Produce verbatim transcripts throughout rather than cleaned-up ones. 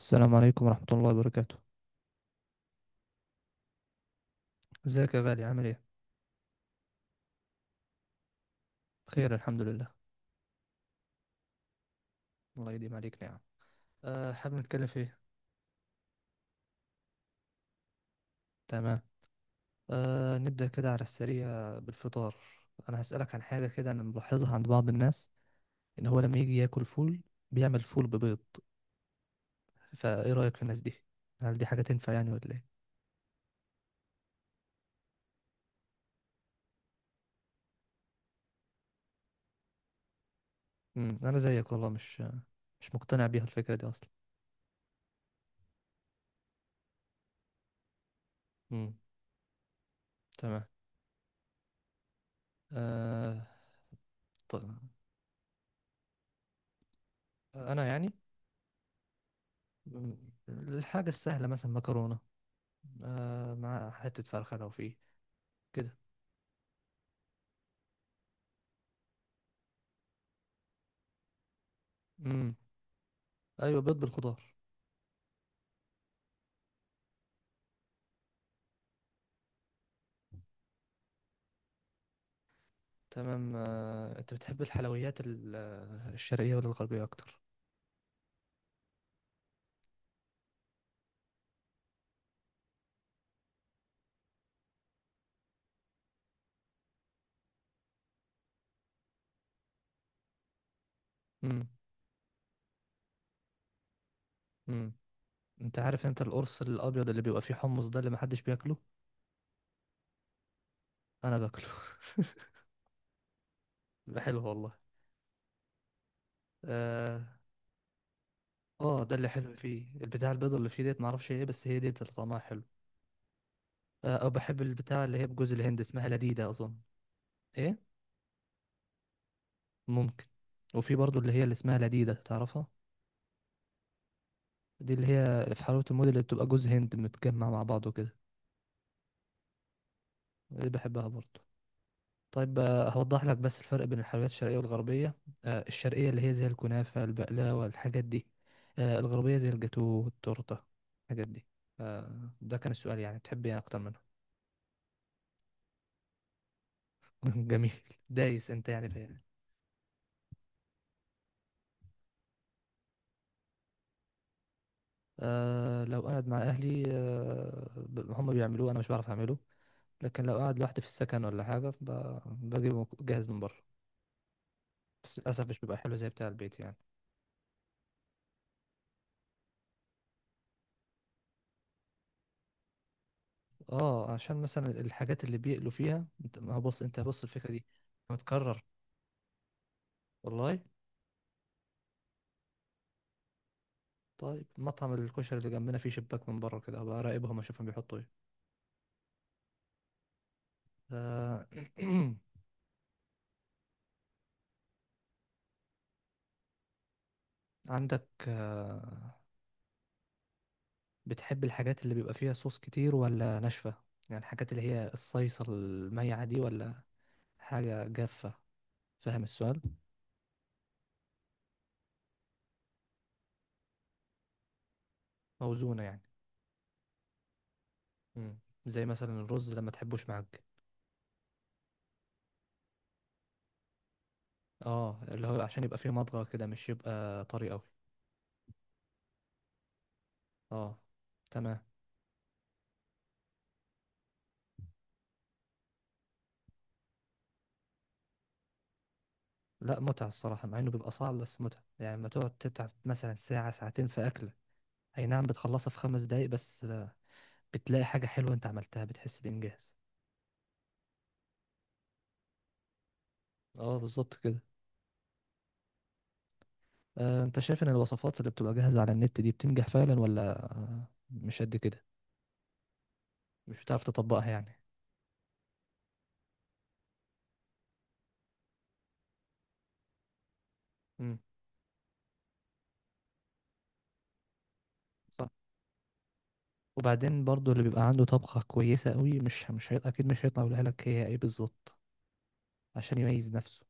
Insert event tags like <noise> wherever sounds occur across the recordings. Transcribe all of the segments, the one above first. السلام عليكم ورحمة الله وبركاته. ازيك يا غالي، عامل ايه؟ بخير الحمد لله. الله يديم عليك. نعم. أه حابب نتكلم في ايه؟ تمام. أه نبدأ كده على السريع بالفطار. انا هسألك عن حاجة كده انا ملاحظها عند بعض الناس، ان هو لما يجي ياكل فول بيعمل فول ببيض، فايه رأيك في الناس دي؟ هل دي حاجة تنفع يعني ولا ايه؟ امم انا زيك والله مش مش مقتنع بيها الفكرة دي اصلا. امم. تمام. أه ط- انا يعني، مم، الحاجة السهلة مثلا مكرونة، آه مع حتة فرخة لو فيه كده. امم ايوه، بيض بالخضار. تمام. آه انت بتحب الحلويات ال- آه، الشرقية ولا الغربية اكتر؟ امم امم انت عارف انت القرص الابيض اللي بيبقى فيه حمص ده اللي محدش بياكله؟ انا باكله. <laughs> بيبقى حلو والله. اه. آه، ده اللي حلو فيه البتاع البيض اللي فيه ديت، معرفش ايه، بس هي ديت اللي طعمها حلو. آه او بحب البتاع اللي هي بجوز الهند اسمها لديدة اظن. ايه. ممكن. وفي برضو اللي هي اللي اسمها لديدة، تعرفها؟ دي اللي هي في حلاوة الموديل اللي بتبقى جوز هند متجمع مع بعضه كده. دي بحبها برضه. طيب، آه، هوضح لك بس الفرق بين الحلويات الشرقية والغربية. آه، الشرقية اللي هي زي الكنافة، البقلاوة، الحاجات دي. آه، الغربية زي الجاتو والتورتة، الحاجات دي. آه، ده كان السؤال، يعني بتحب ايه أكتر منهم؟ <laughs> جميل. دايس انت يعني فيها. أه، لو قاعد مع أهلي أه ب- هم بيعملوه، أنا مش بعرف أعمله. لكن لو قاعد لوحدي في السكن ولا حاجة ب- بجيبه جاهز من بره. بس للأسف مش بيبقى حلو زي بتاع البيت يعني. اه، عشان مثلا الحاجات اللي بيقلوا فيها، انت ما هو بص، انت بص الفكرة دي. متكرر. والله. طيب، مطعم الكشري اللي جنبنا فيه شباك من بره كده، هبقى اراقبهم اشوفهم بيحطوا ايه. آه، <clears throat> عندك، آه، بتحب الحاجات اللي بيبقى فيها صوص كتير ولا ناشفة؟ يعني الحاجات اللي هي الصيصة الميعة دي ولا حاجة جافة؟ فاهم السؤال؟ موزونة يعني. مم. زي مثلا الرز لما تحبوش معاك. اه، اللي هو عشان يبقى فيه مضغة كده، مش يبقى طري قوي. اه. تمام. لا، متعة الصراحة، مع إنه بيبقى صعب، بس متعة يعني لما تقعد تتعب مثلا ساعة ساعتين في أكلة، أي نعم بتخلصها في خمس دقايق بس بتلاقي حاجة حلوة أنت عملتها، بتحس بإنجاز. أه، بالظبط كده. أه أنت شايف إن الوصفات اللي بتبقى جاهزة على النت دي بتنجح فعلا ولا آه، مش قد كده؟ مش بتعرف تطبقها يعني؟ امم صح. وبعدين برضو اللي بيبقى عنده طبخة كويسة قوي مش مش هي... أكيد مش هيطلع يقولها لك هي إيه بالظبط، عشان يميز نفسه.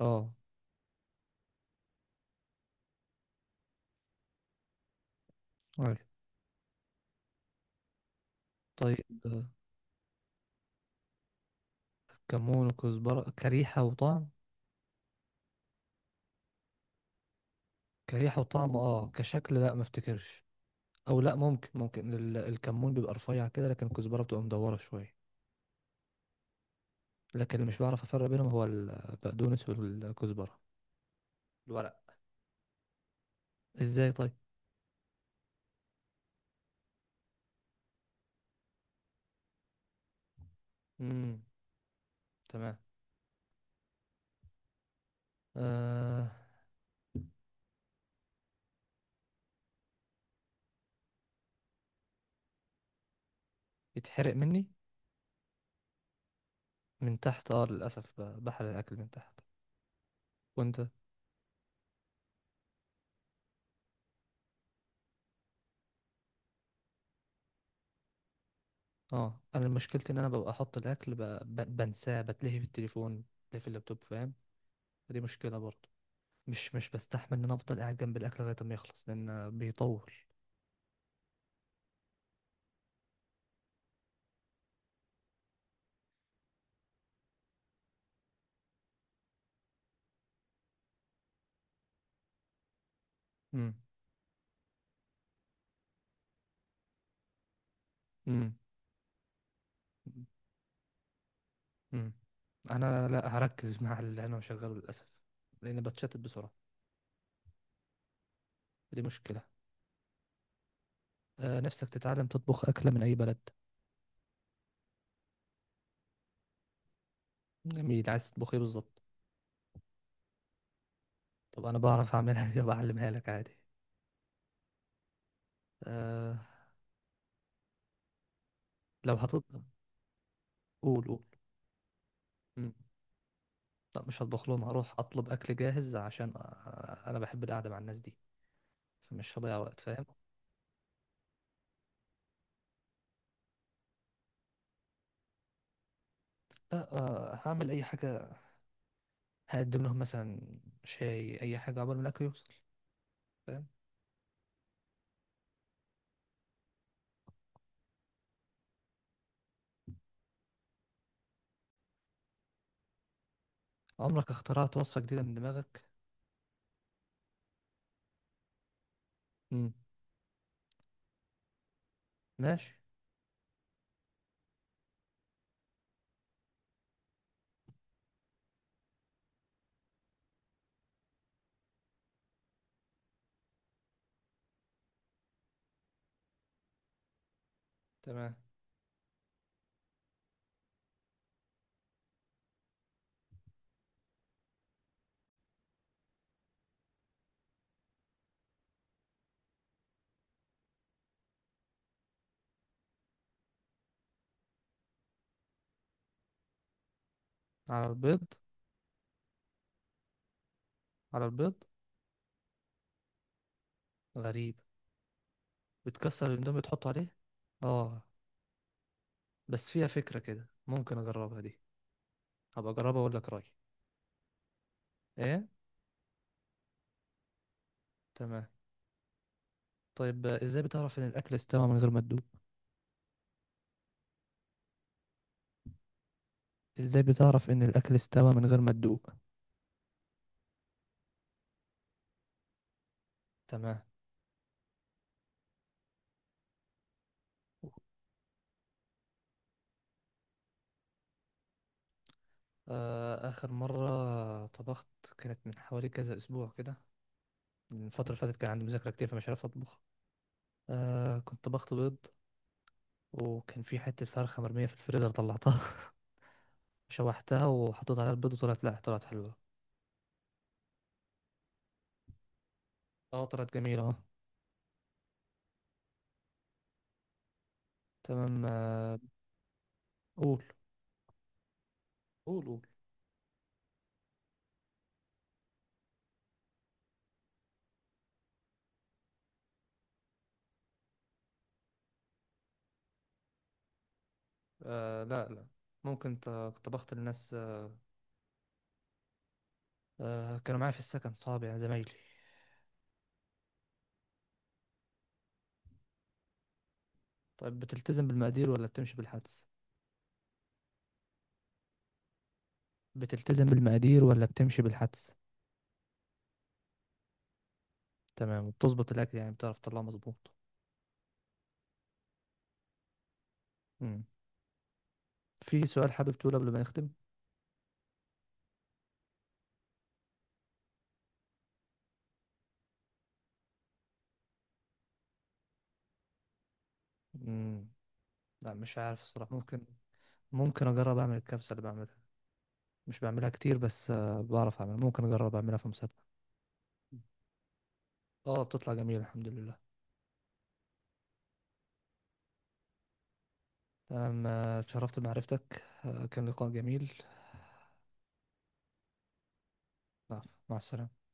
أه، أيوة. طيب، آه، كمون وكزبرة كريحة وطعم؟ كريحة وطعم، اه، كشكل لا ما افتكرش. او لا، ممكن ممكن ال- الكمون بيبقى رفيع كده، لكن الكزبرة بتبقى مدورة شوية. لكن اللي مش بعرف افرق بينهم هو البقدونس والكزبرة، الورق. ازاي طيب؟ امم. تمام. آه يتحرق مني من تحت، اه للاسف ب- بحرق الاكل من تحت. وانت؟ اه، انا مشكلتي ان انا ببقى احط الاكل ب... ب... بنساه، بتلهي في التليفون، بتلهي في اللابتوب، فاهم؟ فدي مشكلة برضه. مش مش بستحمل ان انا افضل قاعد جنب الاكل لغاية ما يخلص، لان بيطول. امم امم امم انا لا هركز مع اللي انا مشغله للاسف، لاني بتشتت بسرعه. دي مشكله. أه نفسك تتعلم تطبخ اكله من اي بلد؟ جميل، عايز تطبخ ايه بالظبط؟ طب انا بعرف اعملها، <laughs> دي بعلمها لك عادي. أه لو هتطبخ، قول قول. مم. لا مش هطبخ لهم، هروح اطلب اكل جاهز عشان أ- انا بحب القعده مع الناس دي، فمش هضيع وقت، فاهم؟ لا، أه هعمل اي حاجه، هقدم لهم مثلا شاي اي حاجه عقبال ما الاكل يوصل، فاهم؟ عمرك اخترعت وصفه جديده من دماغك؟ مم. ماشي. تمام. على البيض؟ على البيض؟ غريب، بتكسر الاندومي تحطه عليه. اه. بس فيها فكرة كده، ممكن اجربها دي، هبقى اجربها واقول لك رأيي. ايه. تمام. طيب، آه، ازاي بتعرف ان الاكل استوى من غير ما تدوق؟ ازاي بتعرف ان الاكل استوى من غير ما تدوق؟ تمام. آه اخر مرة طبخت كانت من حوالي كذا اسبوع كده، من الفترة اللي فاتت كان عندي مذاكرة كتير فمش عارف اطبخ. آه كنت طبخت بيض، وكان في حتة فرخة مرمية في الفريزر طلعتها، شوحتها وحطيت عليها البيض، وطلعت، لا، طلعت حلوة. اه، طلعت جميلة، اه. تمام. آه، قول قول قول. آه لا لا، ممكن ت- طبخت للناس. آه آه، كانوا معايا في السكن صحابي يعني زمايلي. طيب، بتلتزم بالمقادير ولا بتمشي بالحدس؟ بتلتزم بالمقادير ولا بتمشي بالحدس؟ تمام، وبتظبط الأكل يعني، بتعرف تطلعه مظبوط؟ مم. في سؤال حابب تقوله قبل ما نختم؟ مم. لا، مش عارف الصراحة، ممكن. ممكن أجرب أعمل الكبسة اللي بعملها، مش بعملها كتير، بس آه بعرف أعملها، ممكن أجرب أعملها في مسابقة. اه، بتطلع جميل الحمد لله. تمام. آه، اتشرفت بمعرفتك، آه، كان لقاء جميل. نعم. مع السلامة.